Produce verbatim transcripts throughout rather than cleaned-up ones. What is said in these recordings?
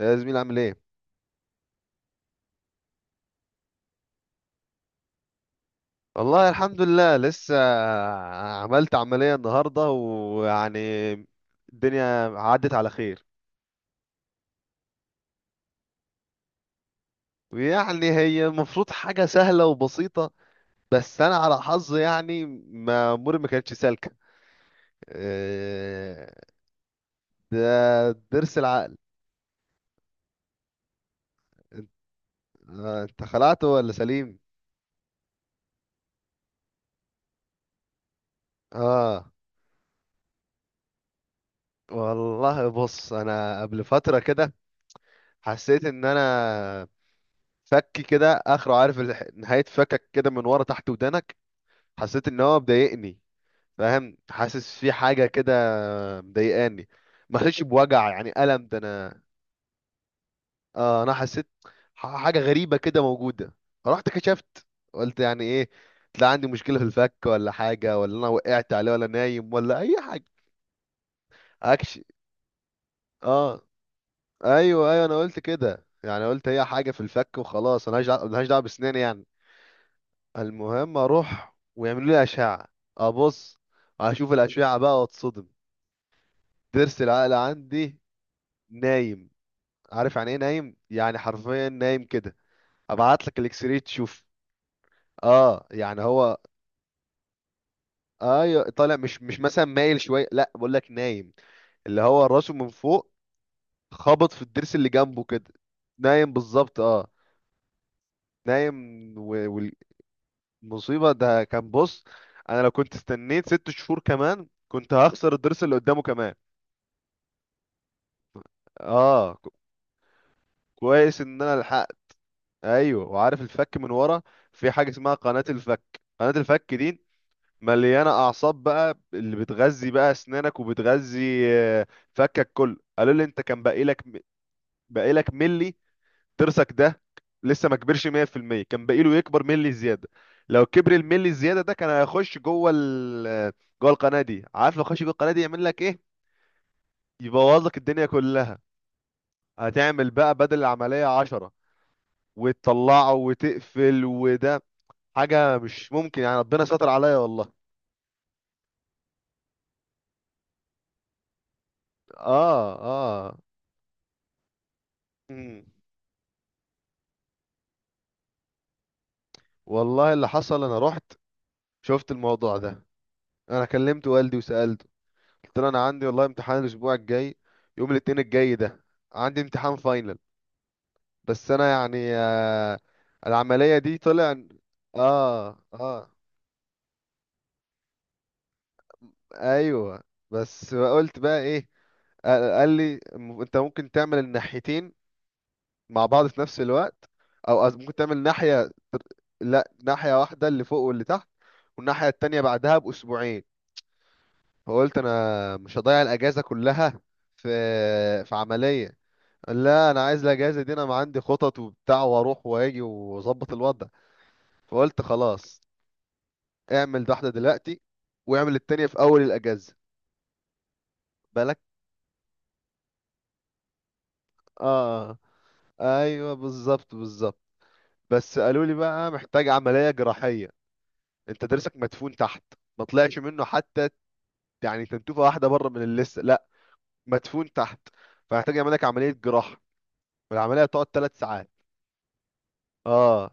يا زميل، عامل ايه؟ والله الحمد لله لسه عملت عملية النهاردة، ويعني الدنيا عدت على خير. ويعني هي المفروض حاجة سهلة وبسيطة، بس أنا على حظي يعني ما أموري ما كانتش سالكة. إيه، ده ضرس العقل. انت آه، أنت خلعته ولا سليم؟ اه. والله بص، انا قبل فترة كده حسيت ان انا فكي كده اخره، عارف؟ الح- نهاية فكك كده من ورا تحت ودانك. حسيت ان هو مضايقني، فاهم؟ حاسس في حاجه كده مضايقاني. ما حسيتش بوجع، يعني الم ده انا. اه انا حسيت ح- حاجه غريبه كده موجوده. رحت كشفت، قلت يعني ايه؟ طلع عندي مشكله في الفك، ولا حاجه، ولا انا وقعت عليه، ولا نايم، ولا اي حاجه. اكشي. اه ايوه ايوه، انا قلت كده يعني، قلت هي حاجه في الفك وخلاص، انا ملهاش دعوه، ملهاش دعوة بسناني يعني. المهم اروح ويعملوا لي اشعه. ابص، اشوف الاشعه بقى، واتصدم. ضرس العقل عندي نايم. عارف يعني ايه نايم؟ يعني حرفيا نايم كده. ابعت لك الاكس راي تشوف. اه يعني هو، ايوه طالع مش مش مثلا مايل شويه، لا بقول لك نايم. اللي هو راسه من فوق، خبط في الضرس اللي جنبه كده. نايم بالظبط، اه. نايم. و- والمصيبه ده كان، بص، انا لو كنت استنيت ست شهور كمان، كنت هخسر الضرس اللي قدامه كمان. اه ك- كويس ان انا لحقت. ايوه، وعارف الفك من ورا؟ في حاجه اسمها قناه الفك. قناه الفك دي مليانه اعصاب بقى، اللي بتغذي بقى اسنانك، وبتغذي آه، فكك كله. قالوا لي انت كان باقي لك، باقي لك ملي. ضرسك ده لسه ما كبرش مية في المية، كان باقي له يكبر ملي زياده. لو كبر الملي الزياده ده كان هيخش جوه ال آه، جوه القناه دي، عارف؟ لو خش جوه القناه دي يعمل لك ايه؟ يبوظ لك الدنيا كلها. هتعمل بقى بدل العمليه عشرة، وتطلعه وتقفل، وده حاجة مش ممكن يعني. ربنا ستر عليا، والله. اه اه. مم. والله اللي حصل، انا رحت شفت الموضوع ده، انا كلمت والدي وسألته، قلت له انا عندي والله امتحان الاسبوع الجاي، يوم الاثنين الجاي ده عندي امتحان فاينل، بس انا يعني آه العملية دي طلع. اه اه ايوه. بس قلت بقى ايه؟ قال قال لي م- انت ممكن تعمل الناحيتين مع بعض في نفس الوقت، او أز- ممكن تعمل ناحية. لا، ناحية واحدة اللي فوق واللي تحت، والناحية التانية بعدها بأسبوعين. فقلت أنا مش هضيع الأجازة كلها في في عملية. لا أنا عايز الأجازة دي، أنا ما عندي خطط وبتاع، وأروح وأجي وأظبط الوضع. فقلت خلاص، اعمل واحدة دلوقتي، واعمل التانية في أول الأجازة. بالك. آه آه، أيوه بالظبط بالظبط. بس قالوا لي بقى محتاج عملية جراحية، انت درسك مدفون تحت، ما طلعش منه حتى، يعني تنتوفه واحده بره من اللسه، لا، مدفون تحت. فهحتاج يعمل لك عمليه جراحه، والعمليه هتقعد ثلاث ساعات. اه.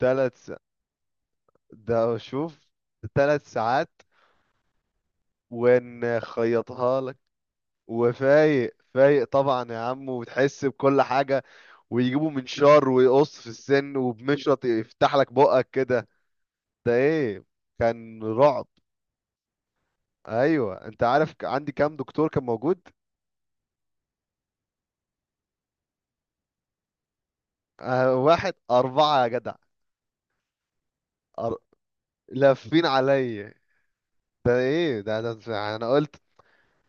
ثلاث ساعات ده، شوف، ثلاث ساعات. ونخيطها لك. وفايق، فايق طبعا يا عم، وتحس بكل حاجه، ويجيبوا منشار ويقص في السن، وبمشرط يفتح لك بقك كده. ده ايه، كان رعب. ايوه، انت عارف ك- عندي كام دكتور كان موجود؟ آه، واحد أربعة يا جدع. أر... لافين عليا. ده ايه ده؟ ده ده- انا قلت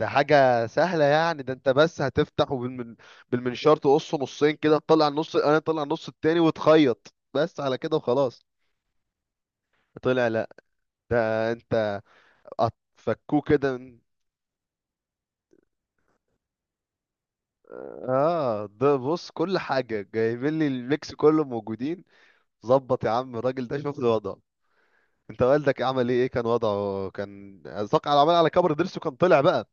ده حاجة سهلة يعني، ده انت بس هتفتح وبالمن... بالمنشار تقصه نصين كده، تطلع النص انا، طلع النص التاني، وتخيط بس على كده وخلاص. طلع لا. ده انت قط- فكوه كده من- اه ده بص، كل حاجة جايبين لي الميكس كله موجودين. ظبط يا عم الراجل ده، شوف لي وضعه. انت والدك عمل ايه؟ ايه كان وضعه؟ كان ساق على عمل، على كبر ضرسه كان طلع بقى؟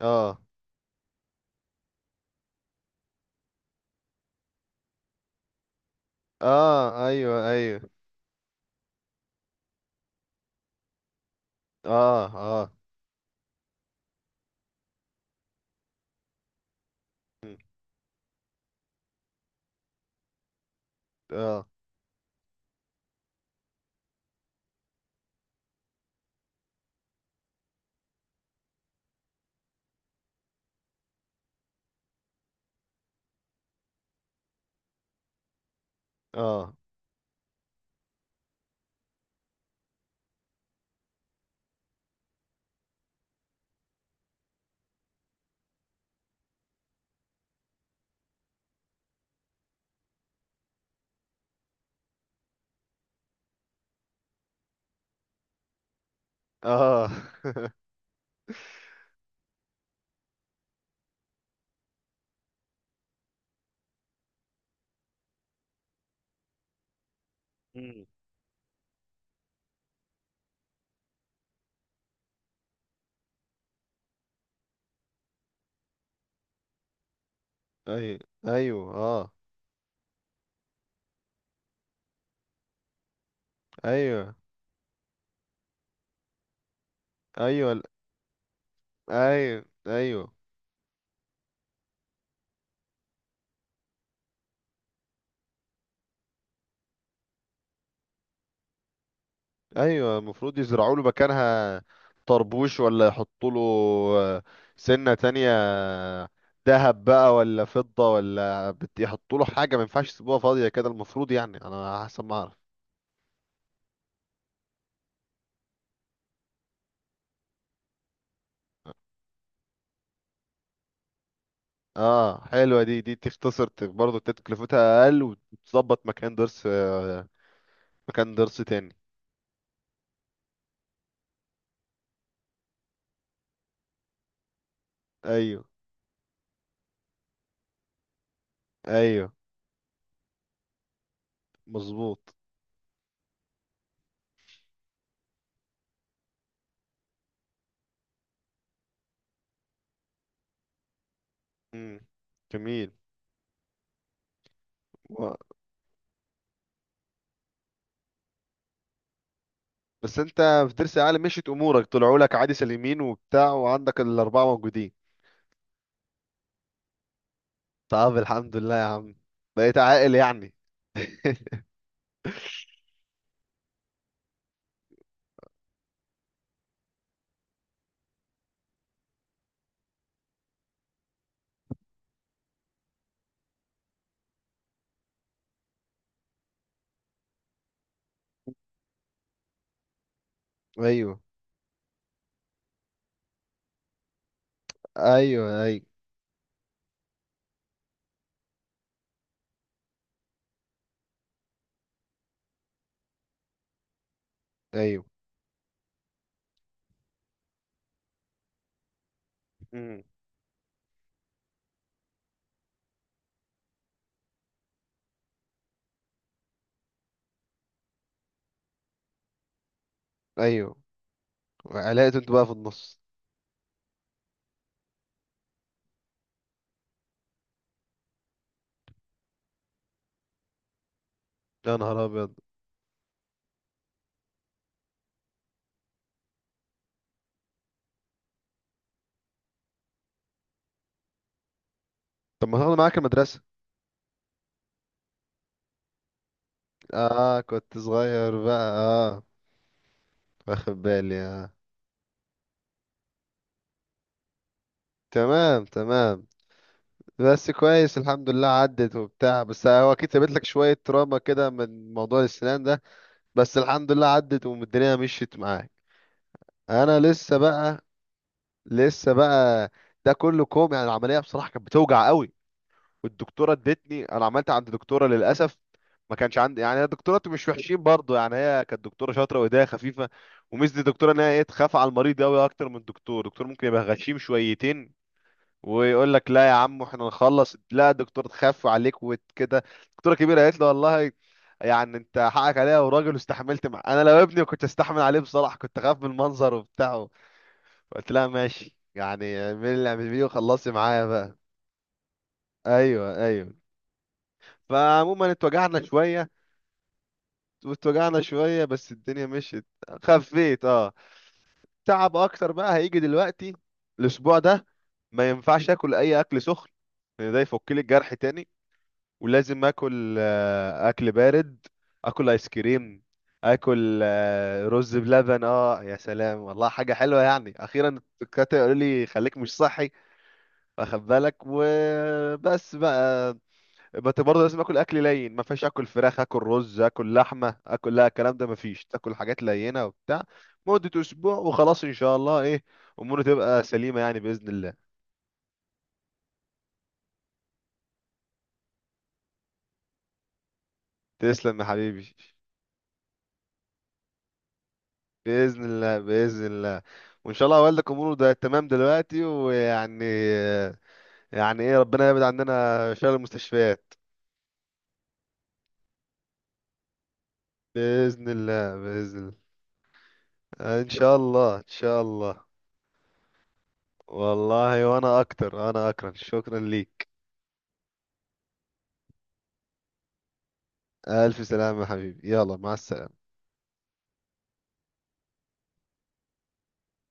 اه اه ايوه ايوه. اه اه. م. اه اه اه. مم. ايوه ايوه اه. ايوه ايوه ال- ايوه ايوه ايوه، المفروض يزرعوا له مكانها طربوش، ولا يحطوا له آه، سنة تانية، ذهب بقى، ولا فضة، ولا بت- يحطوا له حاجة، ما ينفعش يسيبوها فاضية كده، المفروض يعني، انا حسب ما اعرف. اه حلوة دي، دي تختصر برضه، تكلفتها اقل، وتظبط مكان ضرس، مكان درس تاني. ايوه ايوه. مظبوط. امم. جميل. و... بس انت في درس عالي مشيت امورك، طلعوا لك عادي سليمين وبتاع، وعندك الاربعه موجودين. طب الحمد لله يا عم، بقيت عاقل يعني. ايوه ايوه ايوه ايوه. امم. ايوه. علاقة انتوا بقى في النص. يا نهار ابيض. طب ما تاخد معاك المدرسه. اه كنت صغير بقى، اه، واخد بالي، اه. تمام تمام. بس كويس الحمد لله عدت وبتاع، بس هو اكيد سابت لك شويه تراما كده من موضوع الاسنان ده. بس الحمد لله عدت، والدنيا مشيت معاك. انا لسه بقى، لسه بقى، ده كله كوم يعني. العمليه بصراحه كانت بتوجع قوي، والدكتوره ادتني، انا عملت عند دكتوره للاسف. ما كانش عندي يعني. الدكتورات مش وحشين برضو، يعني هي كانت دكتوره شاطره وايديها خفيفه. وميزه الدكتوره ان هي ايه، تخاف على المريض قوي اكتر من الدكتور. الدكتور ممكن يبقى غشيم شويتين، ويقول لك لا يا عم احنا نخلص. لا الدكتور تخاف عليك وكده. الدكتوره الكبيره قالت له والله يعني انت حقك عليها، وراجل واستحملت، مع انا لو ابني كنت استحمل عليه، بصراحه كنت اخاف من المنظر وبتاعه. قلت لها ماشي يعني، اعملي اللي اعملي بيه وخلصي معايا بقى. ايوه ايوه. فعموما اتوجعنا شويه، واتوجعنا شويه، بس الدنيا مشيت. خفيت، اه. تعب اكتر بقى هيجي دلوقتي الاسبوع ده. ما ينفعش اكل اي اكل سخن، لأن ده يفك لي الجرح تاني، ولازم اكل آه، اكل بارد، اكل ايس كريم، اكل آه، رز بلبن. اه يا سلام، والله حاجه حلوه يعني، اخيرا الدكاتره يقولوا لي خليك مش صحي، واخد بالك؟ وبس بقى. بس برضه لازم اكل اكل لين، ما فيش اكل فراخ، اكل رز، اكل لحمه، اكل، لا الكلام ده ما فيش، تاكل حاجات لينه وبتاع مده اسبوع، وخلاص ان شاء الله ايه اموره تبقى سليمه يعني باذن الله. تسلم يا حبيبي. بإذن الله بإذن الله. وإن شاء الله والدك أموره ده تمام دلوقتي، ويعني يعني إيه، ربنا يبعد عننا شر المستشفيات. بإذن الله بإذن الله. إن شاء الله إن شاء الله. والله وأنا أكتر، أنا أكرم، شكرا ليك. ألف سلامة يا حبيبي، يلا مع السلامة.